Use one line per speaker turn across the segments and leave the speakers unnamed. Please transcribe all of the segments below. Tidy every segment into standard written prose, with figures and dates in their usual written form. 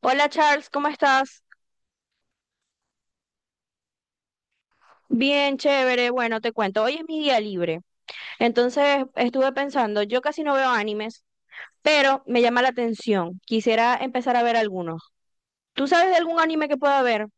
Hola Charles, ¿cómo estás? Bien, chévere. Bueno, te cuento, hoy es mi día libre. Entonces estuve pensando, yo casi no veo animes, pero me llama la atención. Quisiera empezar a ver algunos. ¿Tú sabes de algún anime que pueda ver?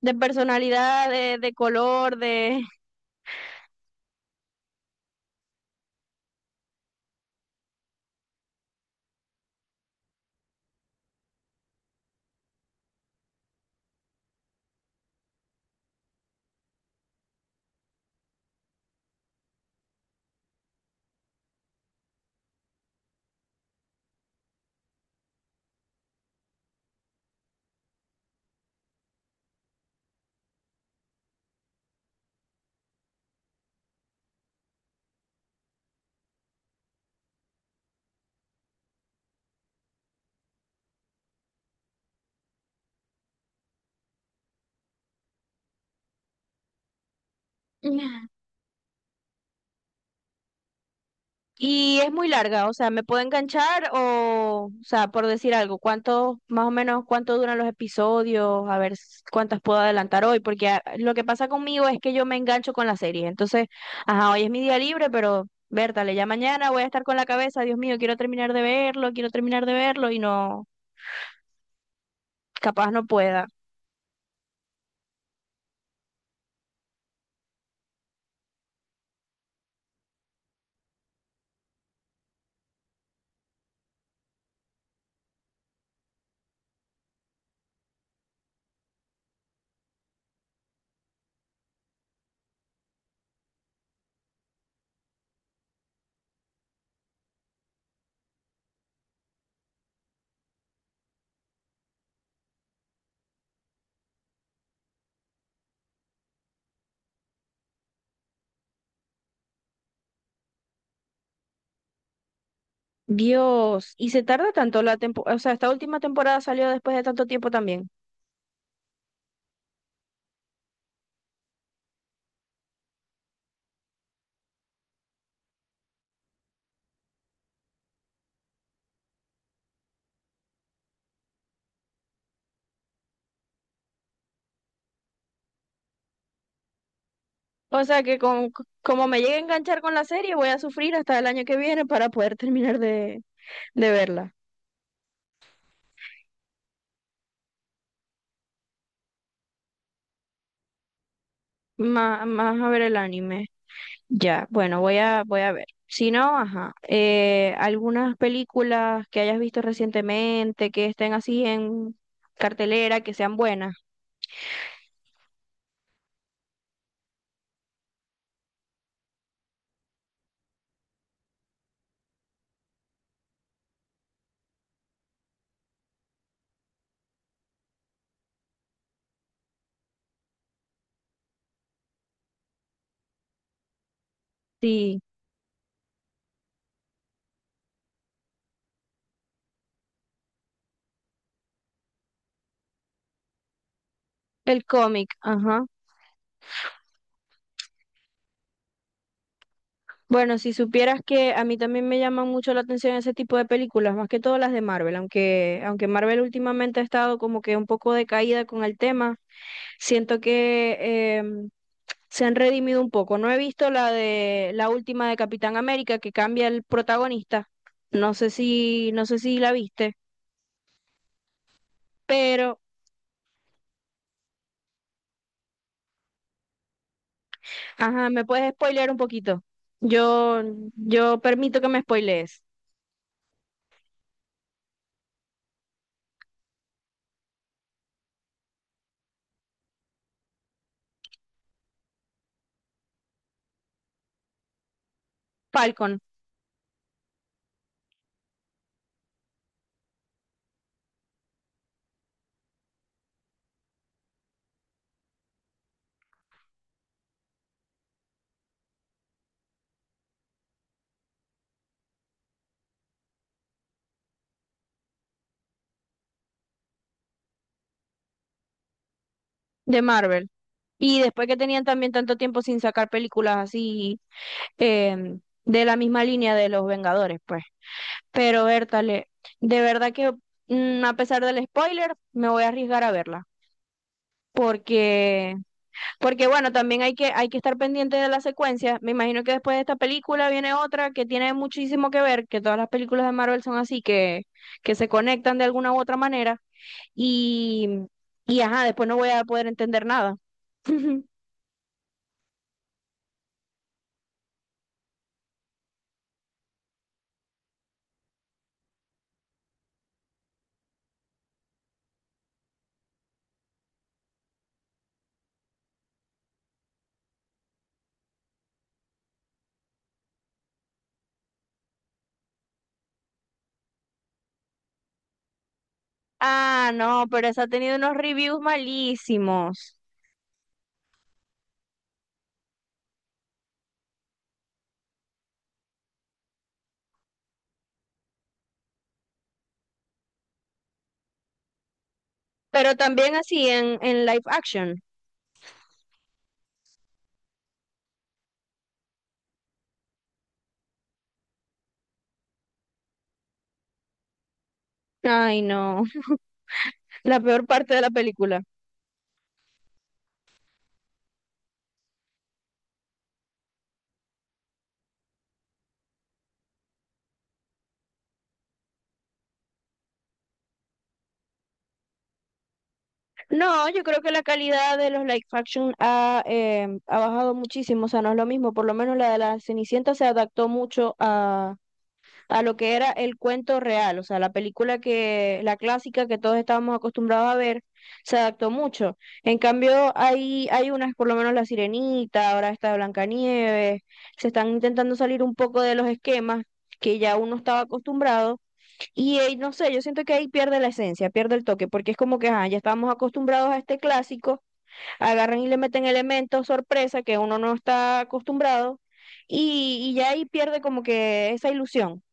De personalidad, de color, de... Y es muy larga, o sea, ¿me puedo enganchar o sea, por decir algo, cuánto, más o menos, cuánto duran los episodios, a ver cuántas puedo adelantar hoy? Porque lo que pasa conmigo es que yo me engancho con la serie, entonces, ajá, hoy es mi día libre, pero, Bertale, ya mañana voy a estar con la cabeza, Dios mío, quiero terminar de verlo, quiero terminar de verlo y no, capaz no pueda. Dios, y se tarda tanto la temporada, o sea, esta última temporada salió después de tanto tiempo también. O sea que con, como me llegue a enganchar con la serie, voy a sufrir hasta el año que viene para poder terminar de verla. Más, más a ver el anime. Ya, bueno, voy a ver. Si no, ajá. Algunas películas que hayas visto recientemente, que estén así en cartelera, que sean buenas. Sí, el cómic, ajá. Bueno, si supieras que a mí también me llaman mucho la atención ese tipo de películas, más que todo las de Marvel, aunque Marvel últimamente ha estado como que un poco decaída con el tema, siento que se han redimido un poco. No he visto la de la última de Capitán América que cambia el protagonista. No sé si la viste, pero ajá, ¿me puedes spoilear un poquito? Yo, yo permito que me spoilees. Falcon de Marvel. Y después que tenían también tanto tiempo sin sacar películas así de la misma línea de los Vengadores, pues. Pero Bertale, de verdad que a pesar del spoiler, me voy a arriesgar a verla. Porque, porque bueno, también hay hay que estar pendiente de la secuencia. Me imagino que después de esta película viene otra que tiene muchísimo que ver, que todas las películas de Marvel son así, que se conectan de alguna u otra manera. Y, y ajá, después no voy a poder entender nada. Ah, no, pero esa ha tenido unos reviews malísimos. Pero también así en live action. Ay, no, la peor parte de la película. No, yo creo que la calidad de los live action ha, ha bajado muchísimo, o sea, no es lo mismo, por lo menos la de la Cenicienta se adaptó mucho a lo que era el cuento real, o sea, la película que, la clásica que todos estábamos acostumbrados a ver, se adaptó mucho. En cambio, hay unas, por lo menos La Sirenita, ahora está Blancanieves, se están intentando salir un poco de los esquemas que ya uno estaba acostumbrado y no sé, yo siento que ahí pierde la esencia, pierde el toque, porque es como que ajá, ya estamos acostumbrados a este clásico, agarran y le meten elementos sorpresa que uno no está acostumbrado y ya ahí pierde como que esa ilusión.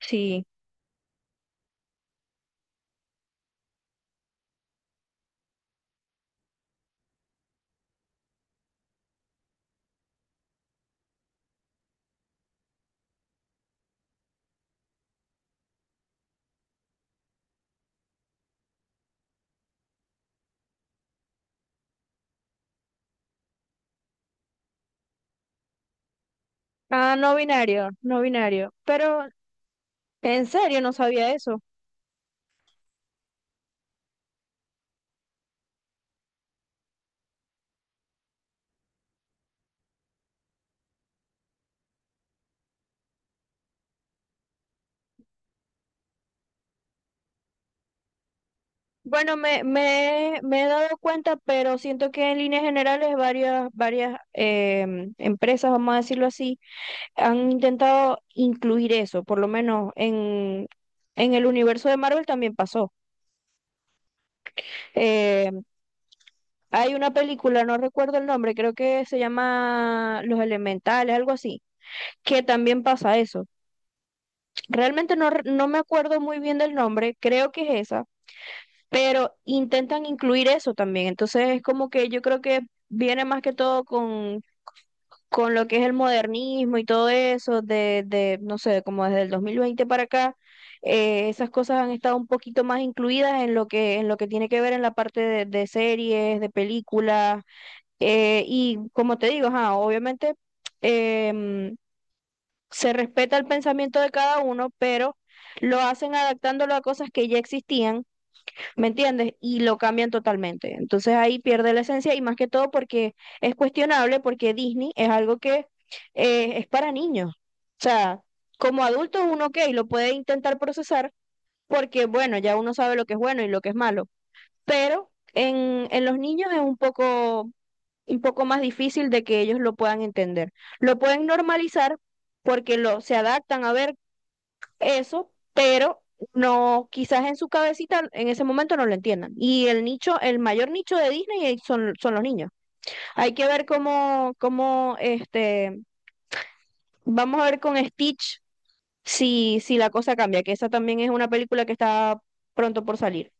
Sí. Ah, no binario, no binario. Pero en serio no sabía eso. Bueno, me he dado cuenta, pero siento que en líneas generales varias empresas, vamos a decirlo así, han intentado incluir eso, por lo menos en el universo de Marvel también pasó. Eh, hay una película, no recuerdo el nombre, creo que se llama Los Elementales, algo así, que también pasa eso. Realmente no, no me acuerdo muy bien del nombre, creo que es esa, pero intentan incluir eso también. Entonces es como que yo creo que viene más que todo con lo que es el modernismo y todo eso, de, no sé, como desde el 2020 para acá, esas cosas han estado un poquito más incluidas en lo que tiene que ver en la parte de series, de películas, y como te digo, ajá, obviamente em, se respeta el pensamiento de cada uno, pero lo hacen adaptándolo a cosas que ya existían. ¿Me entiendes? Y lo cambian totalmente. Entonces ahí pierde la esencia y más que todo porque es cuestionable, porque Disney es algo que es para niños. O sea, como adulto uno, ok, lo puede intentar procesar porque, bueno, ya uno sabe lo que es bueno y lo que es malo. Pero en los niños es un poco más difícil de que ellos lo puedan entender. Lo pueden normalizar porque lo, se adaptan a ver eso, pero no, quizás en su cabecita en ese momento no lo entiendan. Y el nicho, el mayor nicho de Disney son, son los niños. Hay que ver cómo, cómo, este, vamos a ver con Stitch si, si la cosa cambia, que esa también es una película que está pronto por salir.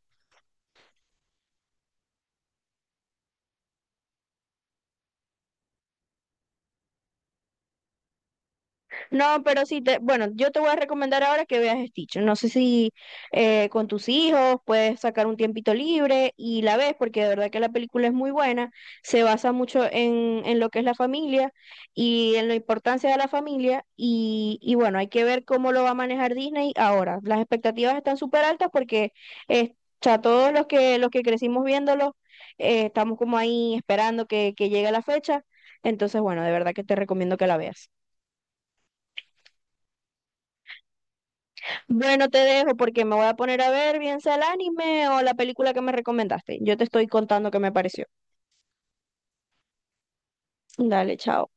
No, pero sí, te, bueno, yo te voy a recomendar ahora que veas Stitch. No sé si con tus hijos puedes sacar un tiempito libre y la ves, porque de verdad que la película es muy buena, se basa mucho en lo que es la familia y en la importancia de la familia y bueno, hay que ver cómo lo va a manejar Disney ahora. Las expectativas están súper altas porque eh, o sea, todos los que crecimos viéndolo, estamos como ahí esperando que llegue la fecha. Entonces, bueno, de verdad que te recomiendo que la veas. Bueno, te dejo porque me voy a poner a ver bien sea el anime o la película que me recomendaste. Yo te estoy contando qué me pareció. Dale, chao.